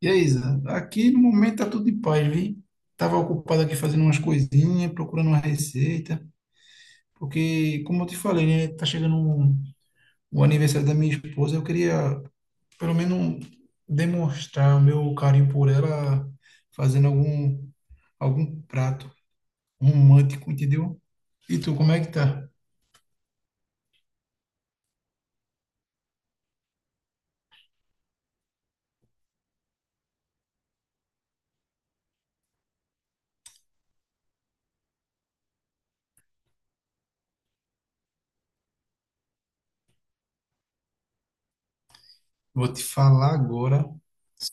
E aí, Isa, aqui no momento tá tudo em paz, vi? Tava ocupado aqui fazendo umas coisinhas, procurando uma receita, porque, como eu te falei, né, tá chegando o aniversário da minha esposa, eu queria, pelo menos, demonstrar o meu carinho por ela fazendo algum prato romântico, entendeu? E tu, como é que tá? Vou te falar agora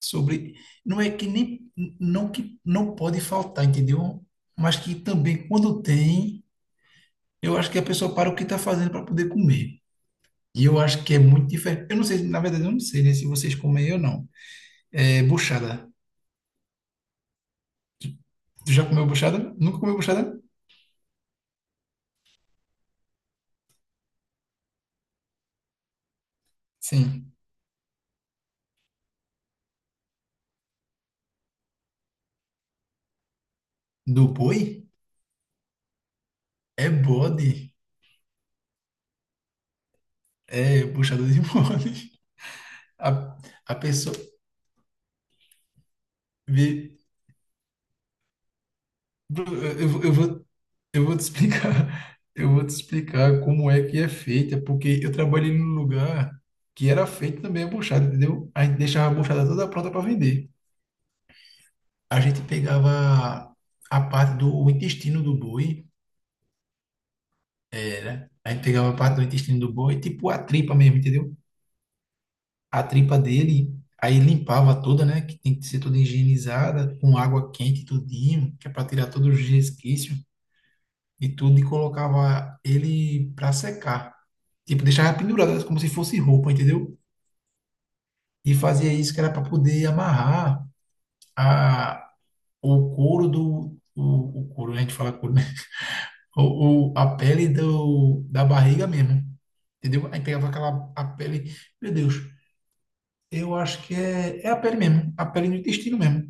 sobre não é que nem não que não pode faltar, entendeu? Mas que também quando tem eu acho que a pessoa para o que está fazendo para poder comer. E eu acho que é muito diferente. Eu não sei, na verdade, eu não sei, né, se vocês comem ou não. É buchada. Tu já comeu buchada? Nunca comeu buchada? Sim. Do boi? É bode. É buchada de bode. A, a pessoa. vê- Eu, vou- eu vou, eu vou te explicar. Eu vou te explicar como é que é feita, porque eu trabalhei num lugar que era feito também a buchada, entendeu? A gente deixava a buchada toda pronta para vender. A gente pegava a parte do intestino do boi, era. A gente pegava a parte do intestino do boi, tipo a tripa mesmo, entendeu? A tripa dele, aí limpava toda, né? Que tem que ser toda higienizada, com água quente, tudinho, que é para tirar todos os resquícios e tudo, e colocava ele para secar. Tipo, deixava pendurado como se fosse roupa, entendeu? E fazia isso que era para poder amarrar a, o couro do. O couro, né? A gente fala couro, né? Ou a pele do, da barriga mesmo, entendeu? Aí pegava aquela a pele, meu Deus, eu acho que é, é a pele mesmo, a pele do intestino mesmo,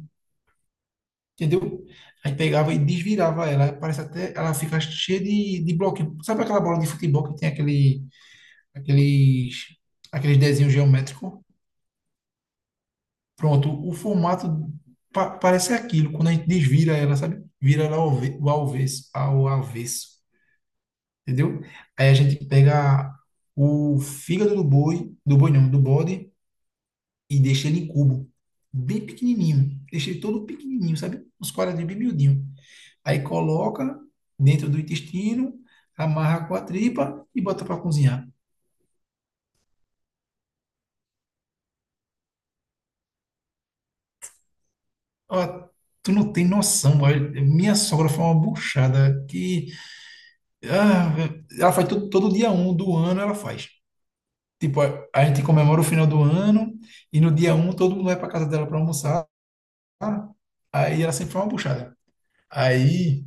entendeu? Aí pegava e desvirava ela, parece até, ela fica cheia de bloquinho. Sabe aquela bola de futebol que tem aquele, aqueles, aqueles desenhos geométricos? Pronto, o formato parece aquilo, quando a gente desvira ela, sabe? Vira ela ao, ao avesso, ao avesso. Entendeu? Aí a gente pega o fígado do boi não, do bode, e deixa ele em cubo, bem pequenininho. Deixa ele todo pequenininho, sabe? Uns quadradinhos bem miudinho. Aí coloca dentro do intestino, amarra com a tripa e bota para cozinhar. Ó, tu não tem noção, velho. Minha sogra foi uma buchada que... ah, ela faz todo dia um do ano, ela faz. Tipo, a gente comemora o final do ano e no dia um todo mundo vai para casa dela para almoçar. Ah, aí ela sempre faz uma buchada. Aí,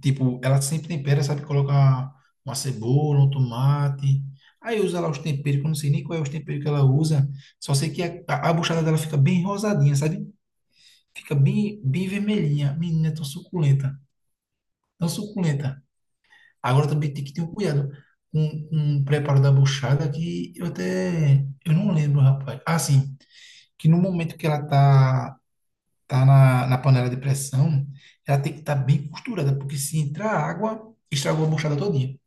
tipo, ela sempre tempera, sabe? Coloca uma cebola, um tomate. Aí usa lá os temperos, que eu não sei nem qual é os temperos que ela usa. Só sei que a buchada dela fica bem rosadinha, sabe? Fica bem, bem vermelhinha. Menina, é tão suculenta. Tão suculenta. Agora também tem que ter um cuidado com o preparo da buchada que eu até... Eu não lembro, rapaz. Ah, sim. Que no momento que ela tá na, na panela de pressão, ela tem que estar bem costurada, porque se entrar água, estragou a buchada todinha.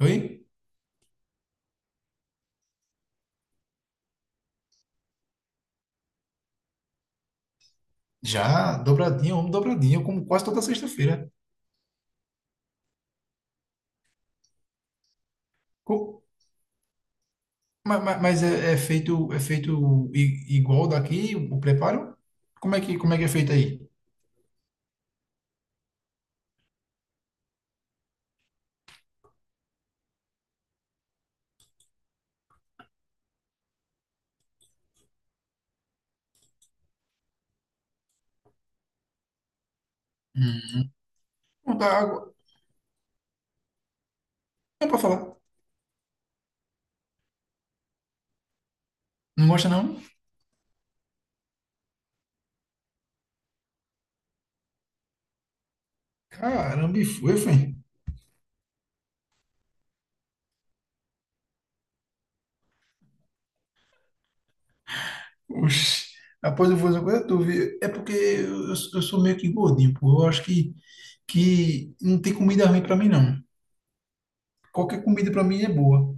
Oi? Já dobradinha, homem dobradinha, eu como quase toda sexta-feira. Co- Mas, é, é feito igual daqui, o preparo? Como é que é feito aí? Hum. Não dá água. Não é pra falar. Não gosta, não? Caramba, e foi, foi. Oxi. Após eu vou fazer uma coisa, tu vê. É porque eu sou meio que gordinho, pô. Eu acho que não tem comida ruim pra mim, não. Qualquer comida para mim é boa.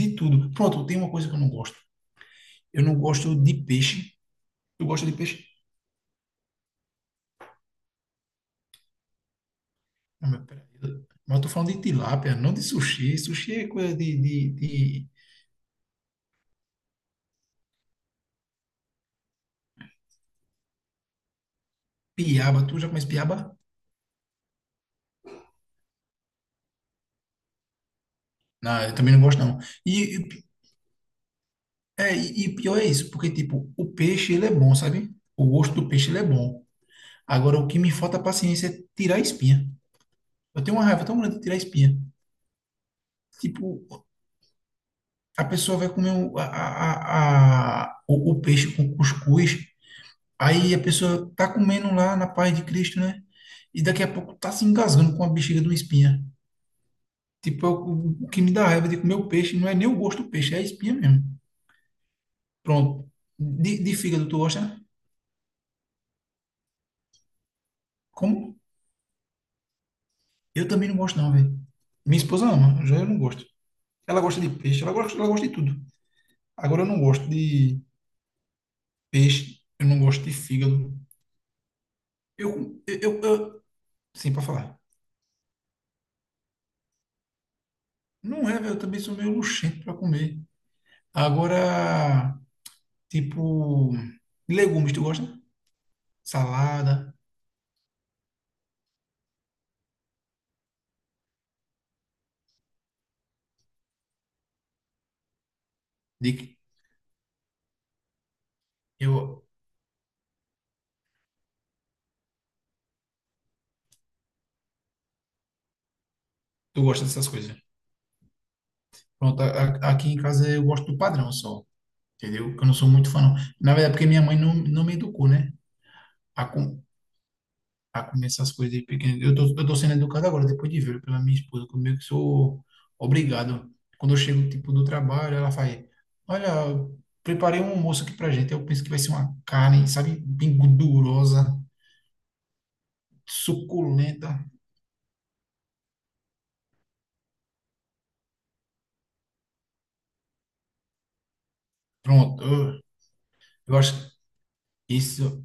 De tudo. Pronto, tem uma coisa que eu não gosto. Eu não gosto de peixe. Tu gosta de peixe? Não, mas peraí. Mas eu tô falando de tilápia, não de sushi. Sushi é coisa de piaba. Tu já conhece piaba? Não, eu também não gosto, não. E, é, e pior é isso, porque, tipo, o peixe, ele é bom, sabe? O gosto do peixe, ele é bom. Agora, o que me falta paciência é tirar a espinha. Eu tenho uma raiva tão grande de tirar a espinha. Tipo, a pessoa vai comer o, a, o peixe com cuscuz, aí a pessoa tá comendo lá na paz de Cristo, né? E daqui a pouco tá se engasgando com a bexiga de uma espinha. Tipo, é o que me dá raiva de comer o peixe não é nem o gosto do peixe, é a espinha mesmo. Pronto. De fígado, tu gosta? Né? Como? Eu também não gosto, não, velho. Minha esposa ama, já eu não gosto. Ela gosta de peixe, ela gosta de tudo. Agora eu não gosto de peixe, eu não gosto de fígado. Eu sim, para falar. Não é, velho, eu também sou meio luxento pra comer. Agora, tipo, legumes, tu gosta? Salada, de... eu, tu gosta dessas coisas. Pronto, aqui em casa eu gosto do padrão só, entendeu? Que eu não sou muito fã, não. Na verdade, porque minha mãe não, não me educou, né? A, com- a comer essas coisas de pequeno. Eu tô sendo educado agora, depois de ver pela minha esposa, que eu meio que sou obrigado. Quando eu chego, tipo, do trabalho, ela faz, olha, preparei um almoço aqui pra gente. Eu penso que vai ser uma carne, sabe, bem gordurosa, suculenta. Pronto, eu acho que isso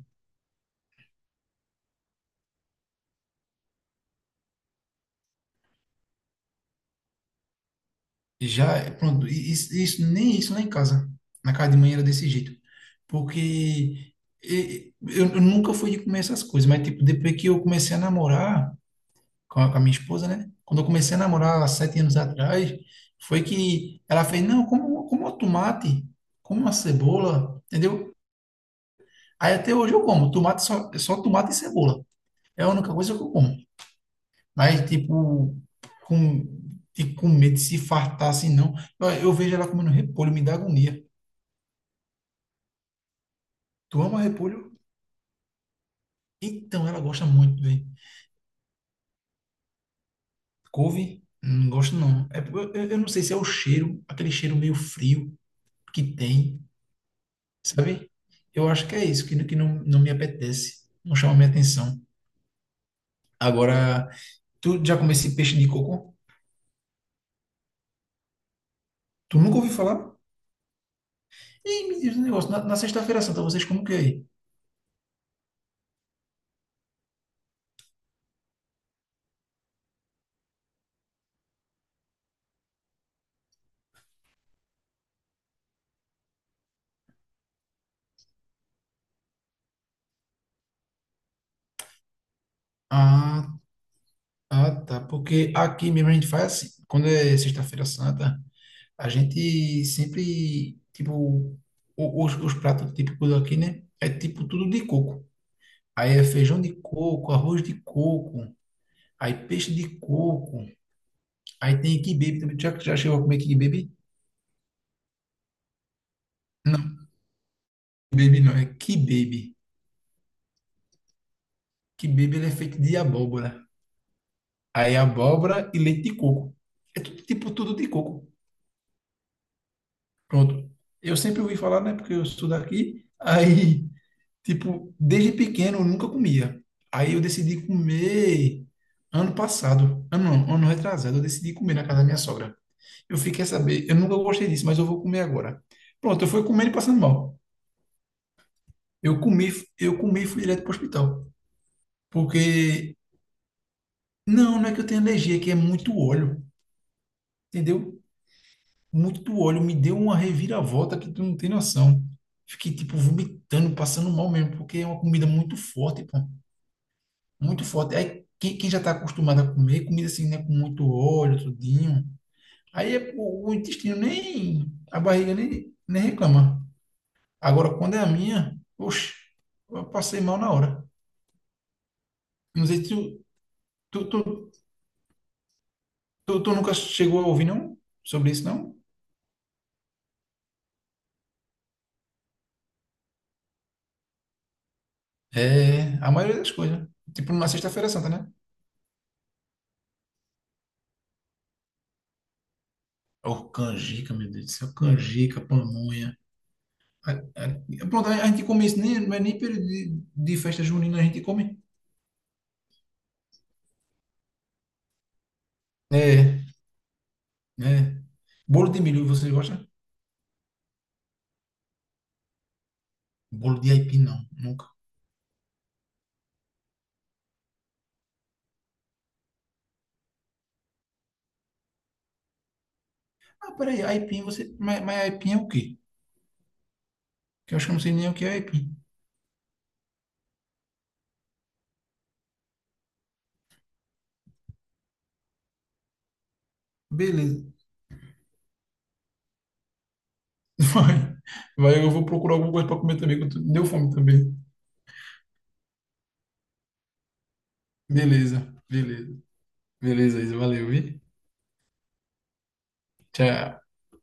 já, pronto, isso, nem isso, nem em casa. Na casa de manhã era desse jeito. Porque... eu nunca fui de comer essas coisas, mas tipo, depois que eu comecei a namorar, com a minha esposa, né? Quando eu comecei a namorar há sete anos atrás, foi que ela fez, não, como, como o tomate, como uma cebola, entendeu? Aí até hoje eu como, tomate só, é só tomate e cebola. É a única coisa que eu como. Mas, com, tipo, com medo de se fartar assim, não. Eu vejo ela comendo repolho, me dá agonia. Tu ama repolho? Então, ela gosta muito, velho. Couve? Não gosto, não. É, eu, eu não sei se é o cheiro, aquele cheiro meio frio que tem. Sabe? Eu acho que é isso que não, não me apetece, não chama minha atenção. Agora, tu já comeu esse peixe de coco? Tu nunca ouviu falar? Ih, me diz um negócio, na, na sexta-feira santa vocês comem o que aí? Ah, ah, tá, porque aqui mesmo a gente faz assim, quando é sexta-feira santa, a gente sempre, tipo, os pratos típicos aqui, né? É tipo tudo de coco. Aí é feijão de coco, arroz de coco, aí peixe de coco, aí tem quibe também. Já, já chegou a comer quibe? Não, baby não, é kibbaby. Kibbaby ele é feito de abóbora. Aí abóbora e leite de coco. É tudo, tipo tudo de coco. Pronto. Eu sempre ouvi falar, né? Porque eu sou daqui. Aí, tipo, desde pequeno eu nunca comia. Aí eu decidi comer ano passado. Ano, não, ano retrasado, eu decidi comer na casa da minha sogra. Eu fiquei a saber, eu nunca gostei disso, mas eu vou comer agora. Pronto, eu fui comendo e passando mal. Eu comi, eu comi e fui direto para o hospital. Porque não, não é que eu tenho alergia, é que é muito óleo, entendeu? Muito óleo. Me deu uma reviravolta que tu não tem noção. Fiquei, tipo, vomitando, passando mal mesmo, porque é uma comida muito forte, pô. Muito forte. Aí, quem, quem já tá acostumado a comer comida assim, né, com muito óleo, tudinho, aí o intestino nem, a barriga nem, nem reclama. Agora, quando é a minha, oxe, eu passei mal na hora. Não sei se tu, tu, tu, tu nunca chegou a ouvir, não? Sobre isso, não? É a maioria das coisas. Né? Tipo, numa Sexta-feira Santa, né? Oh, canjica, meu Deus do céu. Canjica, pamonha. Pronto, a gente come isso, nem, não é nem período de festa junina, a gente come. É, é. Bolo de milho, vocês gostam? Bolo de aipim, não, nunca. Ah, peraí, aipim, você... mas aipim é o quê? Que eu acho que eu não sei nem o que é aipim. Beleza. Vai, vai, eu vou procurar alguma coisa pra comer também, que eu deu fome também. Beleza, beleza. Beleza, Isa, valeu, vi? Tchau.